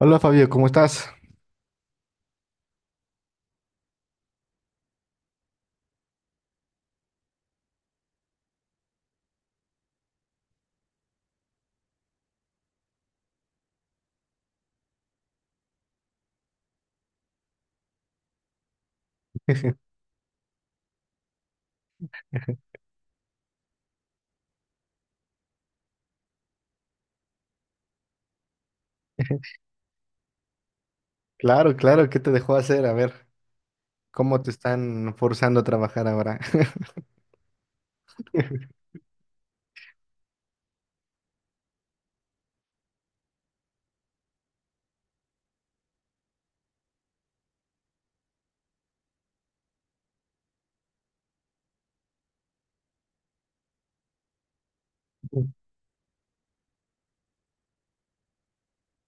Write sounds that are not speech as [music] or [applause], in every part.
Hola Fabio, ¿cómo estás? [laughs] Claro, claro, ¿qué te dejó hacer? A ver, ¿cómo te están forzando a trabajar ahora? [laughs]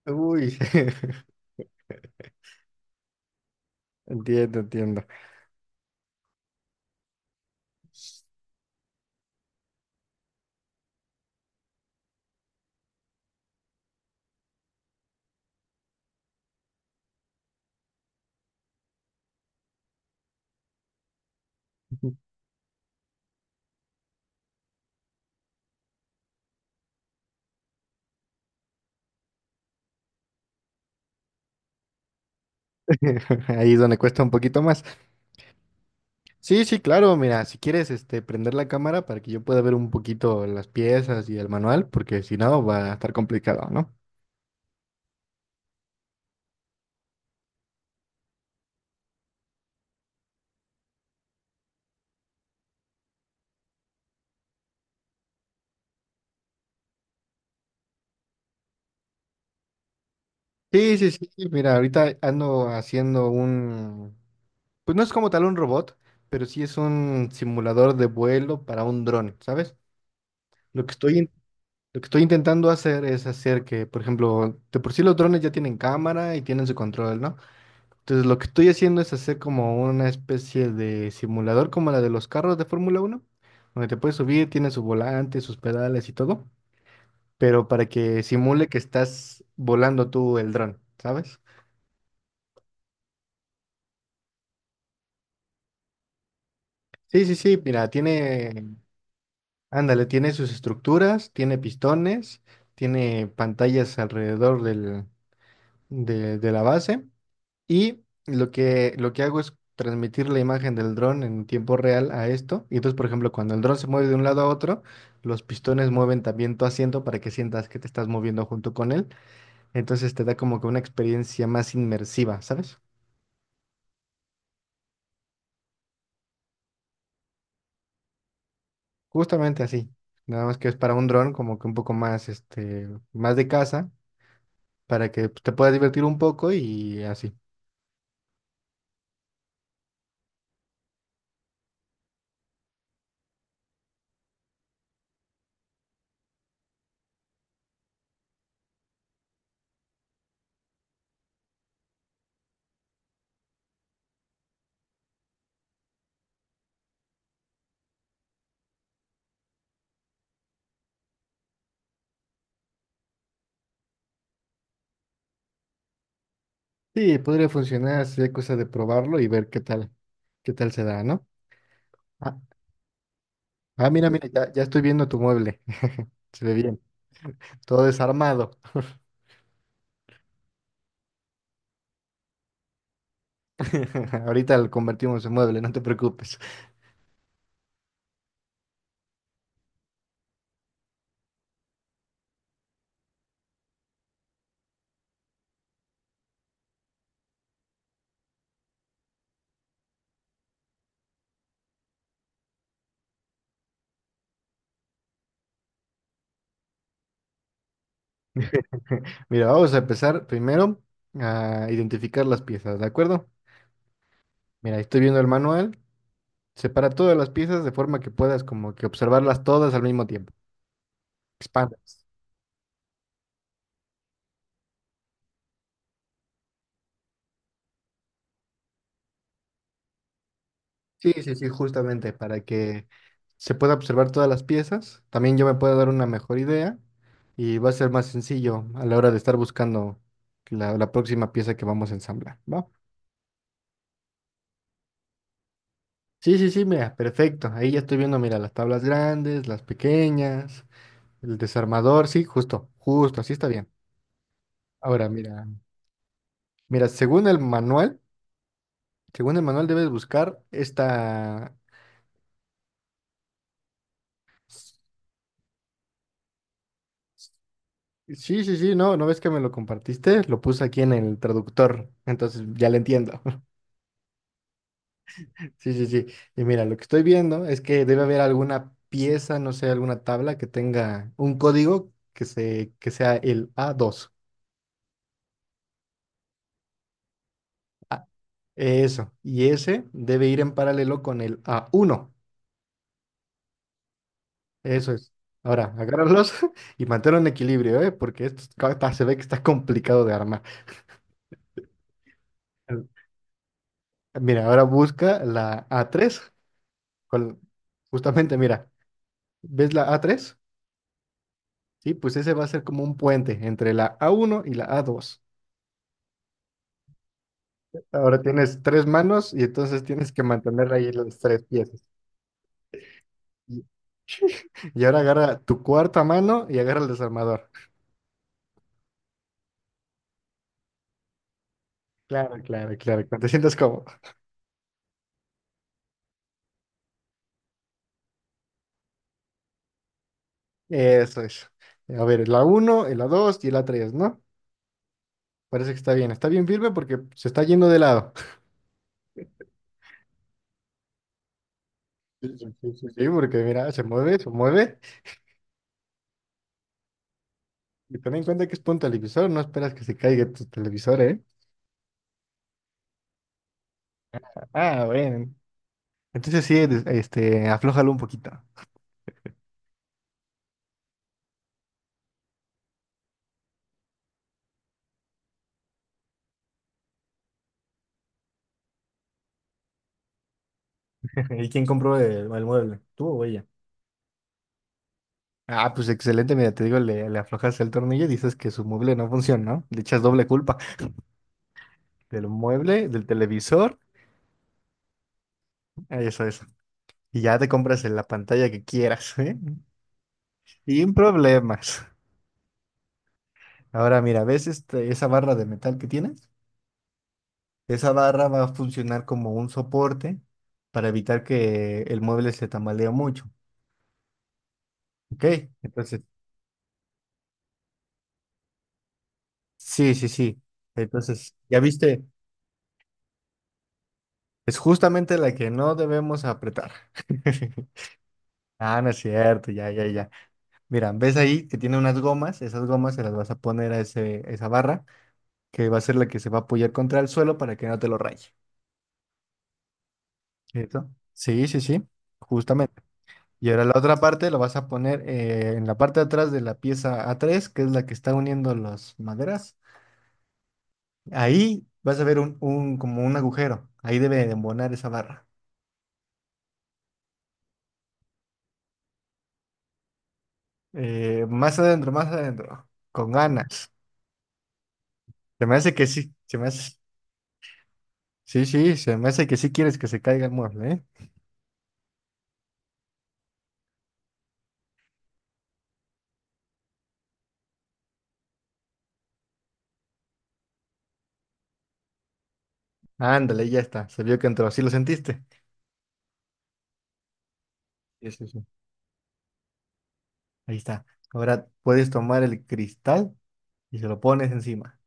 Uy, [laughs] entiendo, entiendo. [laughs] Ahí es donde cuesta un poquito más. Sí, sí, claro, mira, si quieres, este, prender la cámara para que yo pueda ver un poquito las piezas y el manual, porque si no va a estar complicado, ¿no? Sí, mira, ahorita ando haciendo un, pues no es como tal un robot, pero sí es un simulador de vuelo para un dron, ¿sabes? Lo que estoy, in- lo que estoy intentando hacer es hacer que, por ejemplo, de por sí los drones ya tienen cámara y tienen su control, ¿no? Entonces lo que estoy haciendo es hacer como una especie de simulador como la de los carros de Fórmula uno donde te puedes subir, tiene su volante, sus pedales y todo, pero para que simule que estás volando tú el dron, ¿sabes? Sí, mira, tiene, ándale, tiene sus estructuras, tiene pistones, tiene pantallas alrededor del, de la base. Y lo que hago es transmitir la imagen del dron en tiempo real a esto. Y entonces, por ejemplo, cuando el dron se mueve de un lado a otro, los pistones mueven también tu asiento para que sientas que te estás moviendo junto con él. Entonces te da como que una experiencia más inmersiva, ¿sabes? Justamente así. Nada más que es para un dron como que un poco más, este, más de casa, para que pues, te puedas divertir un poco y así. Sí, podría funcionar, sería cosa de probarlo y ver qué tal se da, ¿no? Ah, ah, mira, mira, ya, ya estoy viendo tu mueble. Se ve bien, todo desarmado. [laughs] Ahorita lo convertimos en mueble, no te preocupes. [laughs] Mira, vamos a empezar primero a identificar las piezas, ¿de acuerdo? Mira, estoy viendo el manual. Separa todas las piezas de forma que puedas como que observarlas todas al mismo tiempo. Expandas. Sí, justamente para que se pueda observar todas las piezas. También yo me puedo dar una mejor idea y va a ser más sencillo a la hora de estar buscando la, la próxima pieza que vamos a ensamblar, ¿va? Sí, mira, perfecto. Ahí ya estoy viendo, mira, las tablas grandes, las pequeñas, el desarmador, sí, justo, justo, así está bien. Ahora, mira, mira, según el manual debes buscar esta... Sí, no, ¿no ves que me lo compartiste? Lo puse aquí en el traductor, entonces ya lo entiendo. [laughs] Sí, sí, sí. Y mira, lo que estoy viendo es que debe haber alguna pieza, no sé, alguna tabla que tenga un código que se, que sea el a dos. Eso. Y ese debe ir en paralelo con el a uno. Eso es. Ahora, agárralos [laughs] y manténlo un equilibrio, ¿eh? Porque esto está- se ve que está complicado de armar. El- Mira, ahora busca la a tres con- justamente, mira, ¿ves la a tres? Sí, pues ese va a ser como un puente entre la a uno y la a dos. Ahora tienes tres manos y entonces tienes que mantener ahí las tres piezas. Y, y ahora agarra tu cuarta mano y agarra el desarmador. Claro, claro, claro. Cuando te sientas cómodo. Eso es. A ver, la uno, la 2 y la tres, ¿no? Parece que está bien. Está bien firme porque se está yendo de lado. Sí, porque mira, se mueve, se mueve. Y ten en cuenta que es por un televisor, no esperas que se caiga tu televisor, ¿eh? Ah, bueno. Entonces sí, este, aflójalo un poquito. [laughs] ¿Y quién compró el mueble? ¿Tú o ella? Ah, pues excelente, mira, te digo, le aflojas el tornillo y dices que su mueble no funciona, ¿no? Le echas doble culpa del mueble, del televisor, eso es. Y ya te compras en la pantalla que quieras, ¿eh? Sin problemas. Ahora mira, ¿ves esa barra de metal que tienes? Esa barra va a funcionar como un soporte para evitar que el mueble se tambalee mucho. ¿Ok? Entonces, sí. Entonces, ya viste, es justamente la que no debemos apretar. [laughs] Ah, no es cierto, ya, ya, ya. Mira, ¿ves ahí que tiene unas gomas? Esas gomas se las vas a poner a ese, esa barra, que va a ser la que se va a apoyar contra el suelo para que no te lo raye. ¿Cierto? Sí, justamente. Y ahora la otra parte la vas a poner en la parte de atrás de la pieza a tres, que es la que está uniendo las maderas. Ahí vas a ver un, como un agujero. Ahí debe de embonar esa barra. Más adentro, más adentro. Con ganas. Se me hace que sí. Se me hace... Sí, sí, se me hace que sí quieres que se caiga el mueble, ¿eh? Ándale, ya está. Se vio que entró. ¿Sí lo sentiste? Sí, sí, sí. Ahí está. Ahora puedes tomar el cristal y se lo pones encima.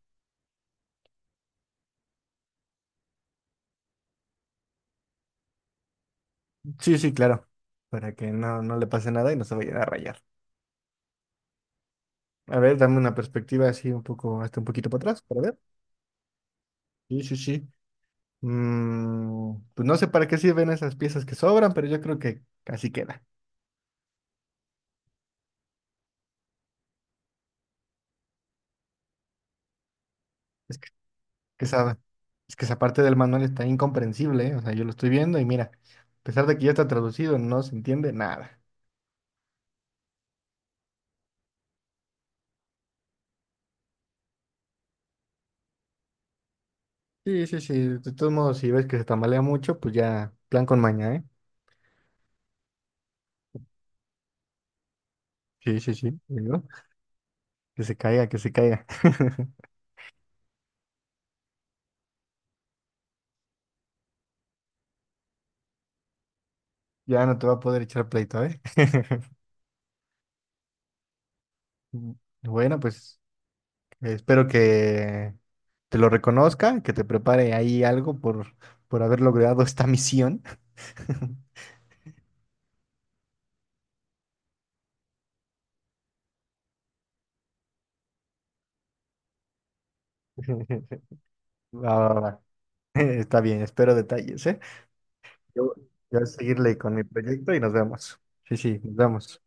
Sí, sí, claro. Para que no, no le pase nada y no se vayan a rayar. A ver, dame una perspectiva así un poco, hasta un poquito para atrás, para ver. Sí, sí, sí. Mm, pues no sé para qué sirven esas piezas que sobran, pero yo creo que así queda. Es que esa, es que esa parte del manual está incomprensible, ¿eh? O sea, yo lo estoy viendo y mira, a pesar de que ya está traducido, no se entiende nada. Sí, sí, sí. De todos modos, si ves que se tambalea mucho, pues ya, plan con maña, ¿eh? Sí, sí, sí. Digo, que se caiga, que se caiga. [laughs] Ya no te va a poder echar pleito, ¿eh? [laughs] Bueno, pues. Espero que te lo reconozca, que te prepare ahí algo por haber logrado esta misión. [laughs] Va, va, va. [laughs] Está bien, espero detalles, ¿eh? Yo yo voy a seguirle con mi proyecto y nos vemos. Sí, sí, nos vemos.